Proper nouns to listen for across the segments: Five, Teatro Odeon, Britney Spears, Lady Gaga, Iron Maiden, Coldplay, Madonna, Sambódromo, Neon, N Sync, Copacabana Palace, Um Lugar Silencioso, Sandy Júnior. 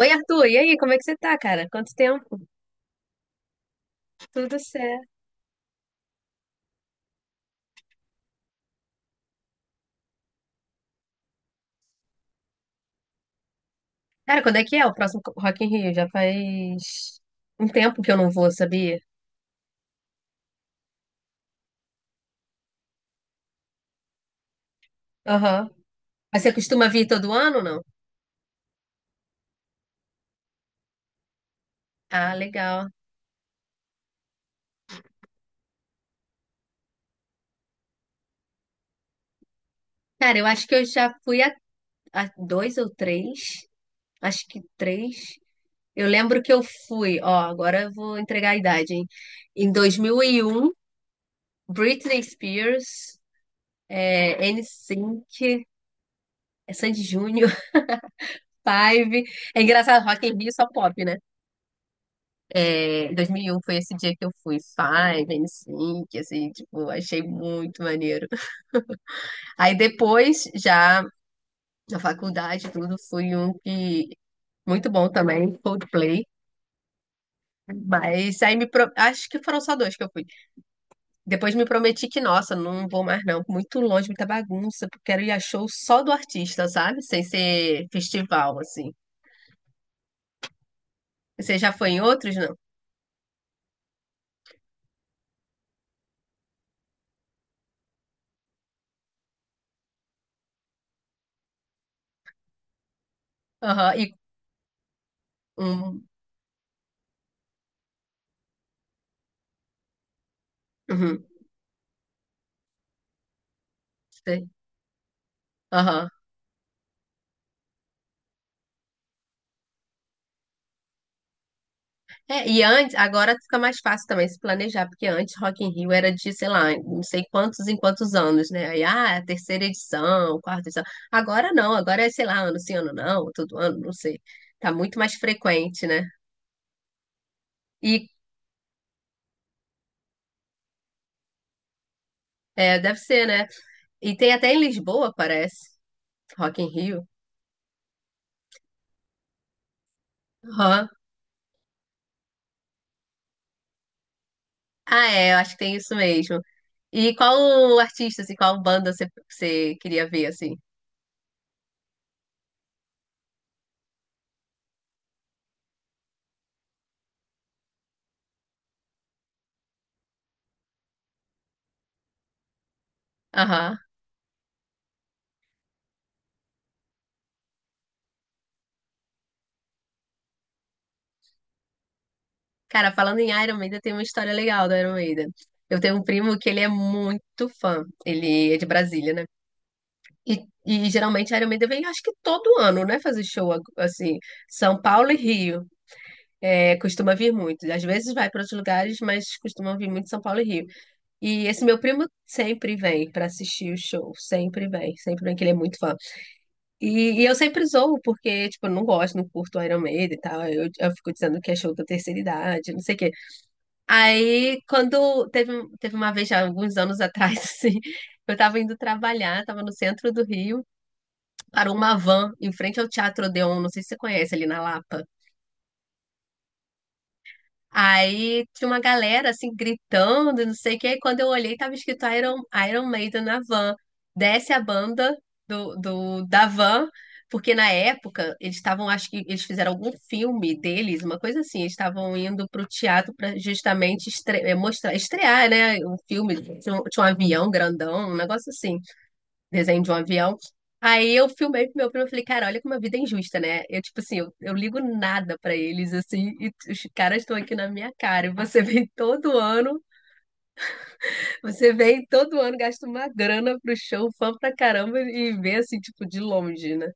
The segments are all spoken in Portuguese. Oi, Arthur, e aí, como é que você tá, cara? Quanto tempo? Tudo certo. Cara, quando é que é o próximo Rock in Rio? Já faz um tempo que eu não vou, sabia? Aham. Mas você costuma vir todo ano, ou não? Ah, legal. Cara, eu acho que eu já fui a dois ou três. Acho que três. Eu lembro que eu fui, ó, agora eu vou entregar a idade, hein? Em 2001, Britney Spears, é, N Sync, é Sandy Júnior, Five. É engraçado, Rock in Rio é só pop, né? É, 2001 foi esse dia que eu fui Five, NSYNC, assim, tipo, achei muito maneiro. Aí depois, já na faculdade, tudo, fui um que muito bom também, Coldplay. Mas aí acho que foram só dois que eu fui. Depois me prometi que, nossa, não vou mais não, muito longe, muita bagunça, porque quero ir a show só do artista, sabe? Sem ser festival, assim. Você já foi em outros, não? Aham, e um. Uhum. Sei. Aham. É, e antes, agora fica mais fácil também se planejar, porque antes Rock in Rio era de, sei lá, não sei quantos em quantos anos, né? Aí, ah, terceira edição, quarta edição. Agora não, agora é, sei lá, ano sim, ano não, todo ano, não sei. Tá muito mais frequente, né? E é, deve ser, né? E tem até em Lisboa, parece, Rock in Rio. Aham. Ah, é, eu acho que tem isso mesmo. E qual banda você queria ver, assim? Aham. Cara, falando em Iron Maiden, tem uma história legal do Iron Maiden. Eu tenho um primo que ele é muito fã. Ele é de Brasília, né? E geralmente Iron Maiden vem, acho que todo ano, né? Fazer assim. São Paulo e Rio. É, costuma vir muito. Às vezes vai para outros lugares, mas costuma vir muito São Paulo e Rio. E esse meu primo sempre vem para assistir o show. Sempre vem. Sempre vem, que ele é muito fã. E eu sempre zoo, porque, tipo, eu não gosto, não curto Iron Maiden e tal. Eu fico dizendo que é show da terceira idade, não sei o quê. Aí, teve uma vez, já alguns anos atrás, assim, eu tava indo trabalhar, tava no centro do Rio, parou uma van em frente ao Teatro Odeon, não sei se você conhece, ali na Lapa. Aí tinha uma galera assim gritando, não sei o que. Aí quando eu olhei, tava escrito Iron, Iron Maiden na van. Desce a banda da van, porque na época eles estavam, acho que eles fizeram algum filme deles, uma coisa assim. Eles estavam indo pro teatro para justamente estrear, né? Um filme, tinha um avião grandão, um negócio assim desenho de um avião. Aí eu filmei pro meu primo e falei, cara, olha como a vida é injusta, né? Eu, tipo assim, eu ligo nada pra eles, assim, e os caras estão aqui na minha cara. E você vem todo ano, você vem todo ano, gasta uma grana pro show, fã pra caramba, e vê assim, tipo, de longe, né?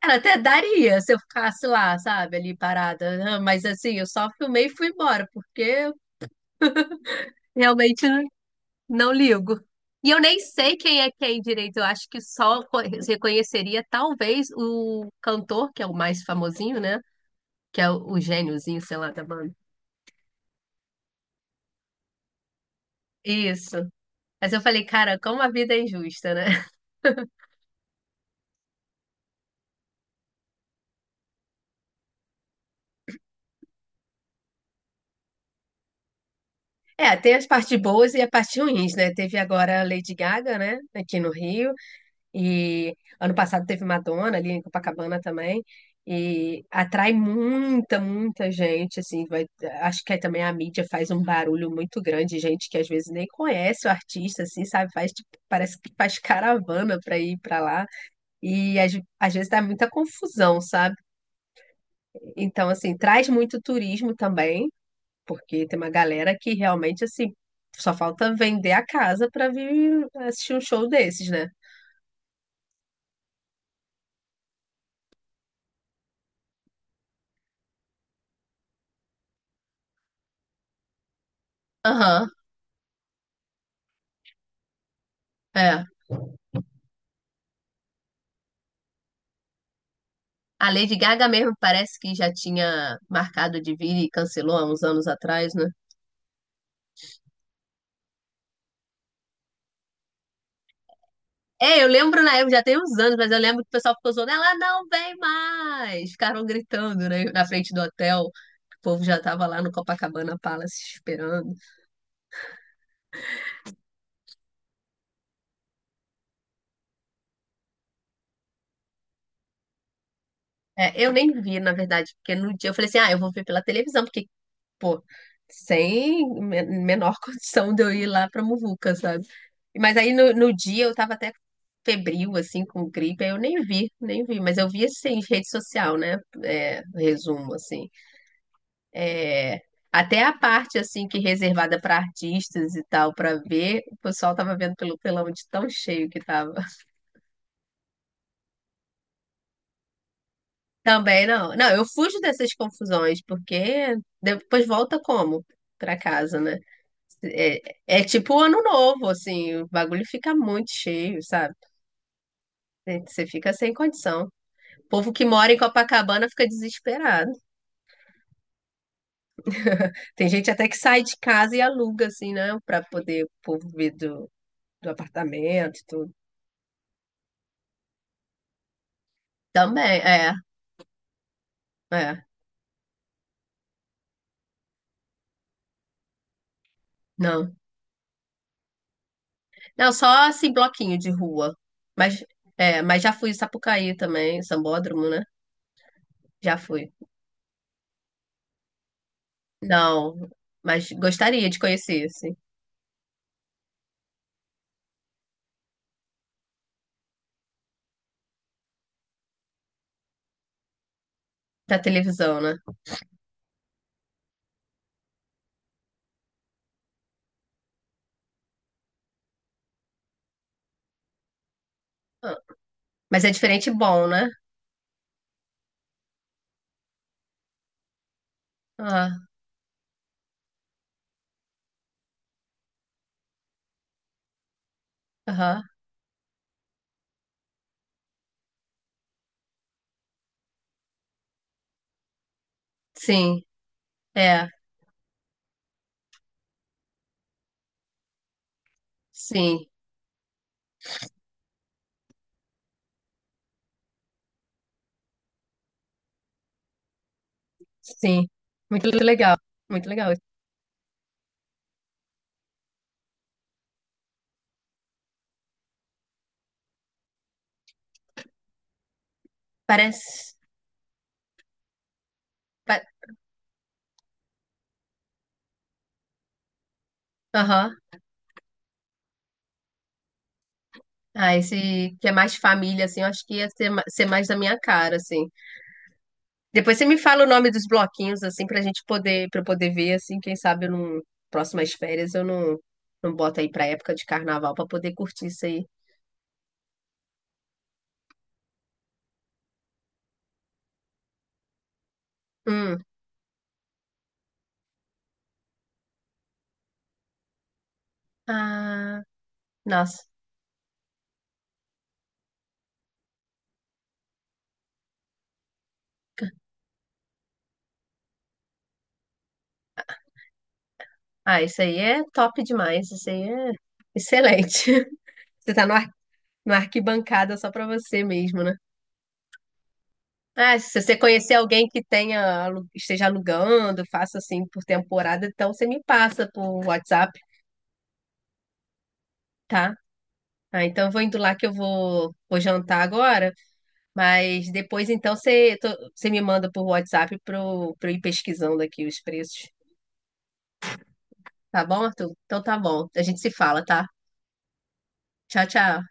Cara, até daria se eu ficasse lá, sabe, ali parada, né? Mas assim, eu só filmei e fui embora, porque realmente não ligo. E eu nem sei quem é quem direito. Eu acho que reconheceria talvez o cantor, que é o mais famosinho, né? Que é o gêniozinho, sei lá, da banda. Isso. Mas eu falei, cara, como a vida é injusta, né? É, tem as partes boas e as partes ruins, né? Teve agora a Lady Gaga, né? Aqui no Rio. E ano passado teve Madonna ali em Copacabana também. E atrai muita gente, assim, vai, acho que aí também a mídia faz um barulho muito grande, gente que às vezes nem conhece o artista, assim, sabe? Faz, tipo, parece que faz caravana para ir para lá. E às, às vezes dá muita confusão, sabe? Então, assim, traz muito turismo também, porque tem uma galera que realmente, assim, só falta vender a casa para vir assistir um show desses, né? Aham, é. A Lady Gaga mesmo parece que já tinha marcado de vir e cancelou há uns anos atrás, né? É, eu lembro na época, já tem uns anos, mas eu lembro que o pessoal ficou zoando, ela não vem mais! Ficaram gritando, né, na frente do hotel. O povo já tava lá no Copacabana Palace esperando. É, eu nem vi, na verdade, porque no dia eu falei assim, ah, eu vou ver pela televisão, porque pô, sem me- menor condição de eu ir lá pra Muvuca, sabe? Mas aí no dia eu tava até febril, assim, com gripe, aí eu nem vi, nem vi, mas eu vi, assim, rede social, né? É, resumo, assim. É, até a parte, assim, que reservada pra artistas e tal, pra ver, o pessoal tava vendo pelo telão de tão cheio que tava. Também não. Não, eu fujo dessas confusões, porque depois volta como? Pra casa, né? É, é tipo o ano novo, assim, o bagulho fica muito cheio, sabe? É, você fica sem condição. O povo que mora em Copacabana fica desesperado. Tem gente até que sai de casa e aluga, assim, né? Pra poder o povo vir do apartamento e tudo. Também, é, é. Não. Não, só assim, bloquinho de rua. Mas, é, mas já fui em Sapucaí também, Sambódromo, né? Já fui. Não, mas gostaria de conhecer, assim, da televisão, né? Ah, mas é diferente e bom, né? Ah, aham. Sim, é, sim, sim. Muito legal, muito legal. Parece. pa- Aham. Ah, esse que é mais família, assim, eu acho que ia ser, ser mais da minha cara, assim. Depois você me fala o nome dos bloquinhos, assim, pra gente poder, pra eu poder ver, assim, quem sabe eu não. Próximas férias eu não, não boto aí pra época de carnaval pra poder curtir isso aí. Hum. Ah, nossa. Ah, isso aí é top demais. Isso aí é excelente. Você tá no ar- na arquibancada só pra você mesmo, né? Ah, se você conhecer alguém que tenha, esteja alugando, faça assim por temporada, então você me passa por WhatsApp, tá? Ah, então eu vou indo lá que vou jantar agora, mas depois então você me manda por WhatsApp para eu ir pesquisando aqui os preços. Tá bom, Arthur? Então tá bom. A gente se fala, tá? Tchau, tchau.